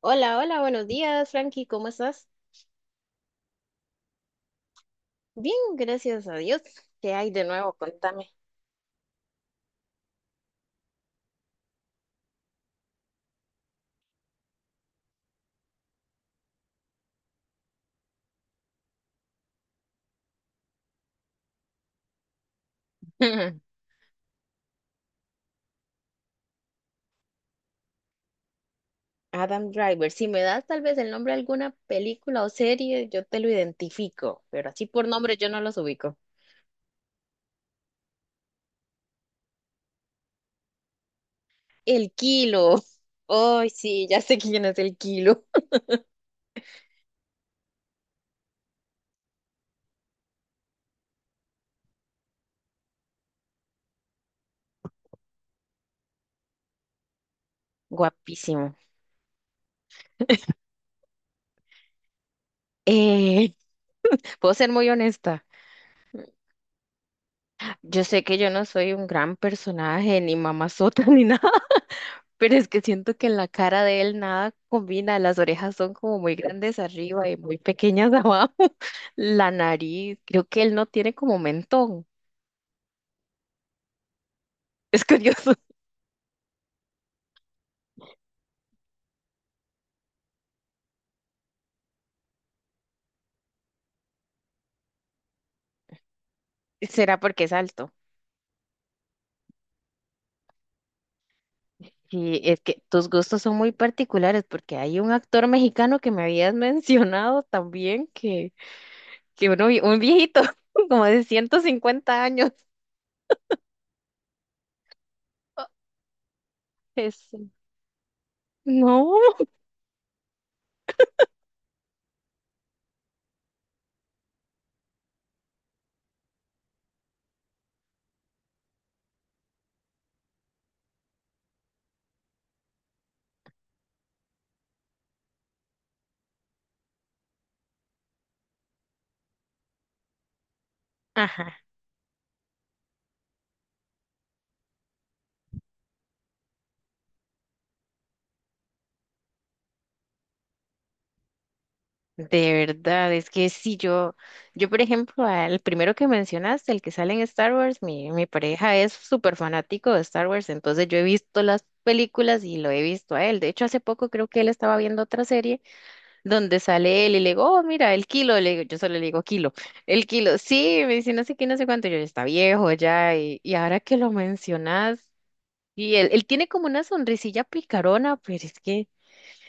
Hola, hola, buenos días, Frankie, ¿cómo estás? Bien, gracias a Dios. ¿Qué hay de nuevo? Contame. Adam Driver, si me das tal vez el nombre de alguna película o serie, yo te lo identifico, pero así por nombre yo no los ubico. El Kilo. Ay, sí, ya sé quién es el Kilo. Guapísimo. Eh, puedo ser muy honesta. Yo sé que yo no soy un gran personaje, ni mamazota, ni nada. Pero es que siento que en la cara de él nada combina, las orejas son como muy grandes arriba y muy pequeñas abajo, la nariz, creo que él no tiene como mentón, es curioso. Será porque es alto. Sí, es que tus gustos son muy particulares porque hay un actor mexicano que me habías mencionado también que uno, un viejito como de 150 años. Es, no. Ajá. De verdad, es que sí, yo por ejemplo, al primero que mencionaste, el que sale en Star Wars, mi pareja es súper fanático de Star Wars, entonces yo he visto las películas y lo he visto a él. De hecho, hace poco creo que él estaba viendo otra serie donde sale él y le digo, oh, mira, el kilo, yo solo le digo kilo, el kilo, sí, me dice no sé qué, no sé cuánto, yo "Ya está viejo ya", y ahora que lo mencionas, y él tiene como una sonrisilla picarona, pero es que...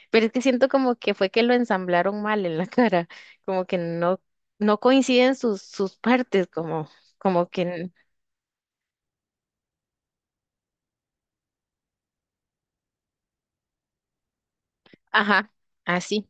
Pero es que siento como que fue que lo ensamblaron mal en la cara, como que no, no coinciden sus partes, como, como que, ajá, así,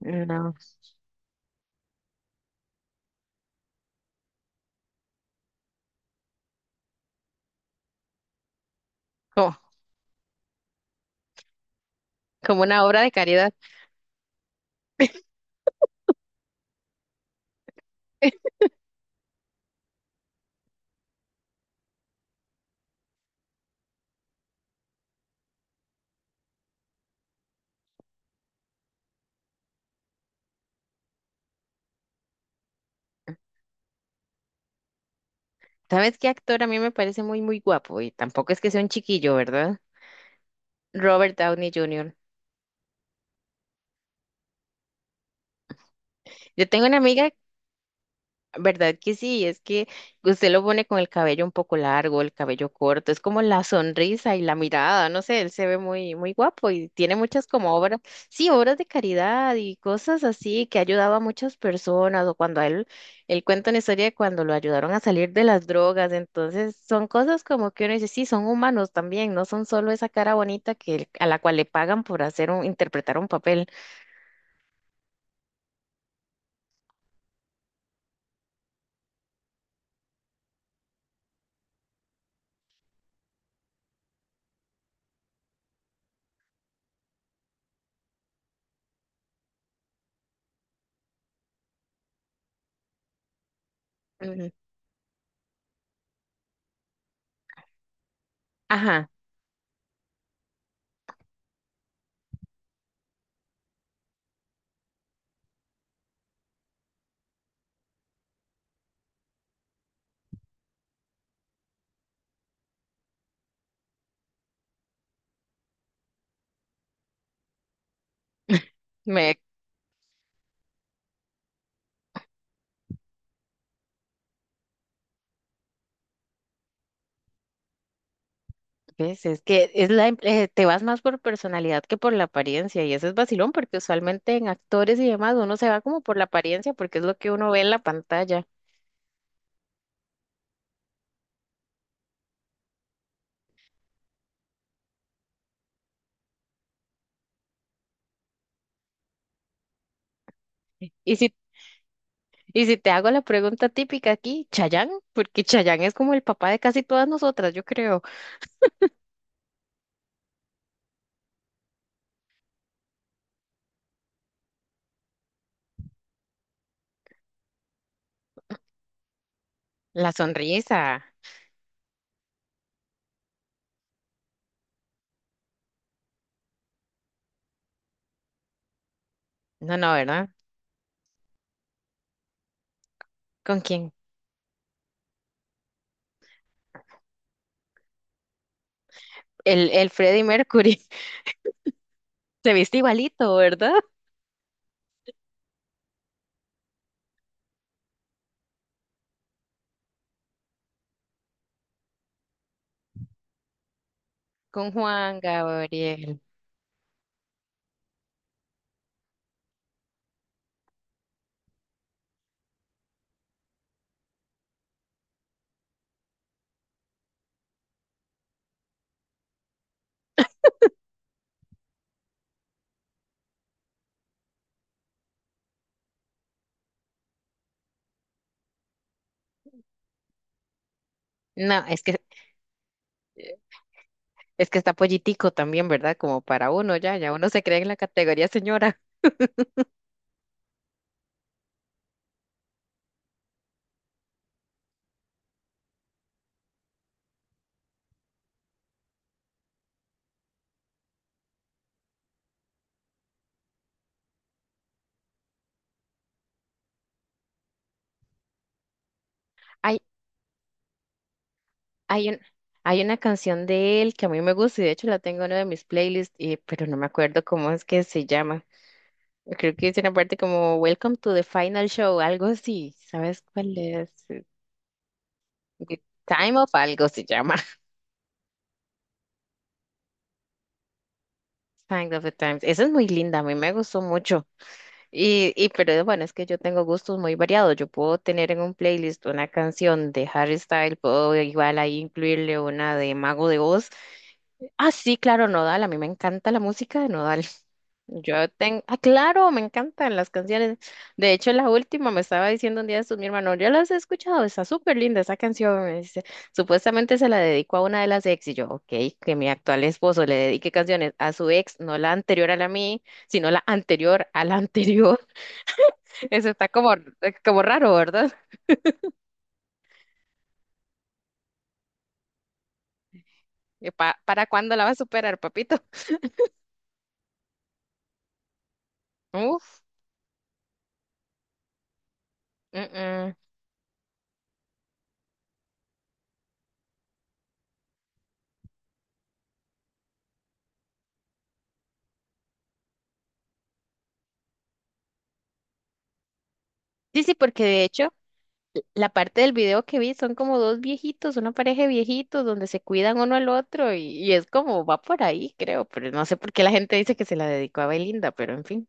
no, como, como una obra de caridad. ¿Sabes qué actor a mí me parece muy, muy guapo? Y tampoco es que sea un chiquillo, ¿verdad? Robert Downey Jr. Yo tengo una amiga. ¿Verdad que sí? Es que usted lo pone con el cabello un poco largo, el cabello corto, es como la sonrisa y la mirada, no sé, él se ve muy, muy guapo y tiene muchas como obras, sí, obras de caridad y cosas así, que ha ayudado a muchas personas o cuando a él, él cuenta una historia de cuando lo ayudaron a salir de las drogas, entonces son cosas como que uno dice, sí, son humanos también, no son solo esa cara bonita que, a la cual le pagan por hacer interpretar un papel. Ujú. Ajá. Me ¿ves? Es que es la, em- te vas más por personalidad que por la apariencia, y eso es vacilón, porque usualmente en actores y demás uno se va como por la apariencia, porque es lo que uno ve en la pantalla. Y si, y si te hago la pregunta típica aquí, Chayanne, porque Chayanne es como el papá de casi todas nosotras, yo creo. La sonrisa. No, no, ¿verdad? ¿Con quién? El Freddie Mercury. Se viste igualito, ¿verdad? Con Juan Gabriel. No, es que es que está pollitico también, ¿verdad? Como para uno ya, ya uno se cree en la categoría señora. Hay, hay un, hay una canción de él que a mí me gusta y de hecho la tengo en una de mis playlists, pero no me acuerdo cómo es que se llama. Creo que es una parte como Welcome to the Final Show, algo así. ¿Sabes cuál es? The Time of algo se llama. Sign of the Times. Esa es muy linda, a mí me gustó mucho. Y pero bueno, es que yo tengo gustos muy variados. Yo puedo tener en un playlist una canción de Harry Styles, puedo igual ahí incluirle una de Mago de Oz. Ah, sí, claro, Nodal. A mí me encanta la música de Nodal. Yo tengo, ah, claro, me encantan las canciones. De hecho, la última me estaba diciendo un día esto mi hermano, yo las he escuchado, está súper linda esa canción. Me dice, supuestamente se la dedicó a una de las ex y yo, ok, que mi actual esposo le dedique canciones a su ex, no la anterior a la mí, sino la anterior a la anterior. Eso está como, como raro, ¿verdad? ¿Para cuándo la va a superar, papito? Uf. Mm, mm. Sí, sí, porque de hecho, la parte del video que vi son como dos viejitos, una pareja de viejitos donde se cuidan uno al otro y es como va por ahí, creo, pero no sé por qué la gente dice que se la dedicó a Belinda, pero en fin,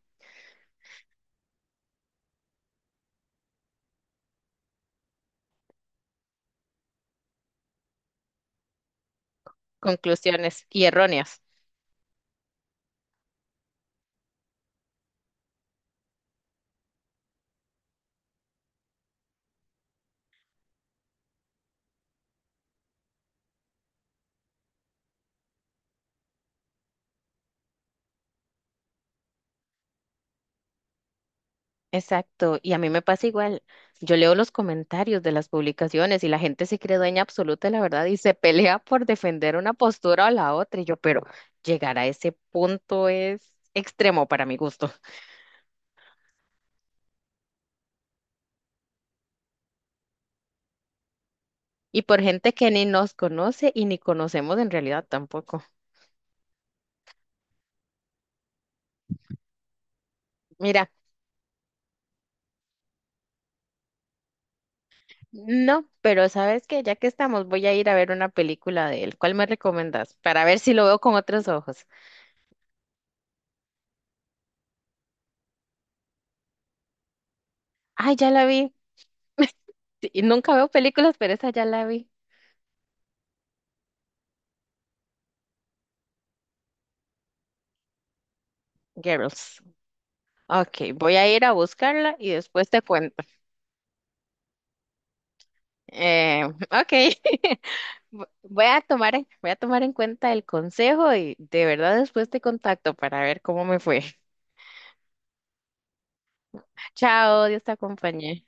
conclusiones y erróneas. Exacto, y a mí me pasa igual. Yo leo los comentarios de las publicaciones y la gente se cree dueña absoluta de la verdad y se pelea por defender una postura o la otra. Y yo, pero llegar a ese punto es extremo para mi gusto. Y por gente que ni nos conoce y ni conocemos en realidad tampoco. Mira, no, pero sabes que ya que estamos, voy a ir a ver una película de él. ¿Cuál me recomiendas? Para ver si lo veo con otros ojos. Ay, ya la vi. Y nunca veo películas, pero esa ya la vi. Girls. Ok, voy a ir a buscarla y después te cuento. Ok, voy a voy a tomar en cuenta el consejo y de verdad después te contacto para ver cómo me fue. Chao, Dios te acompañe.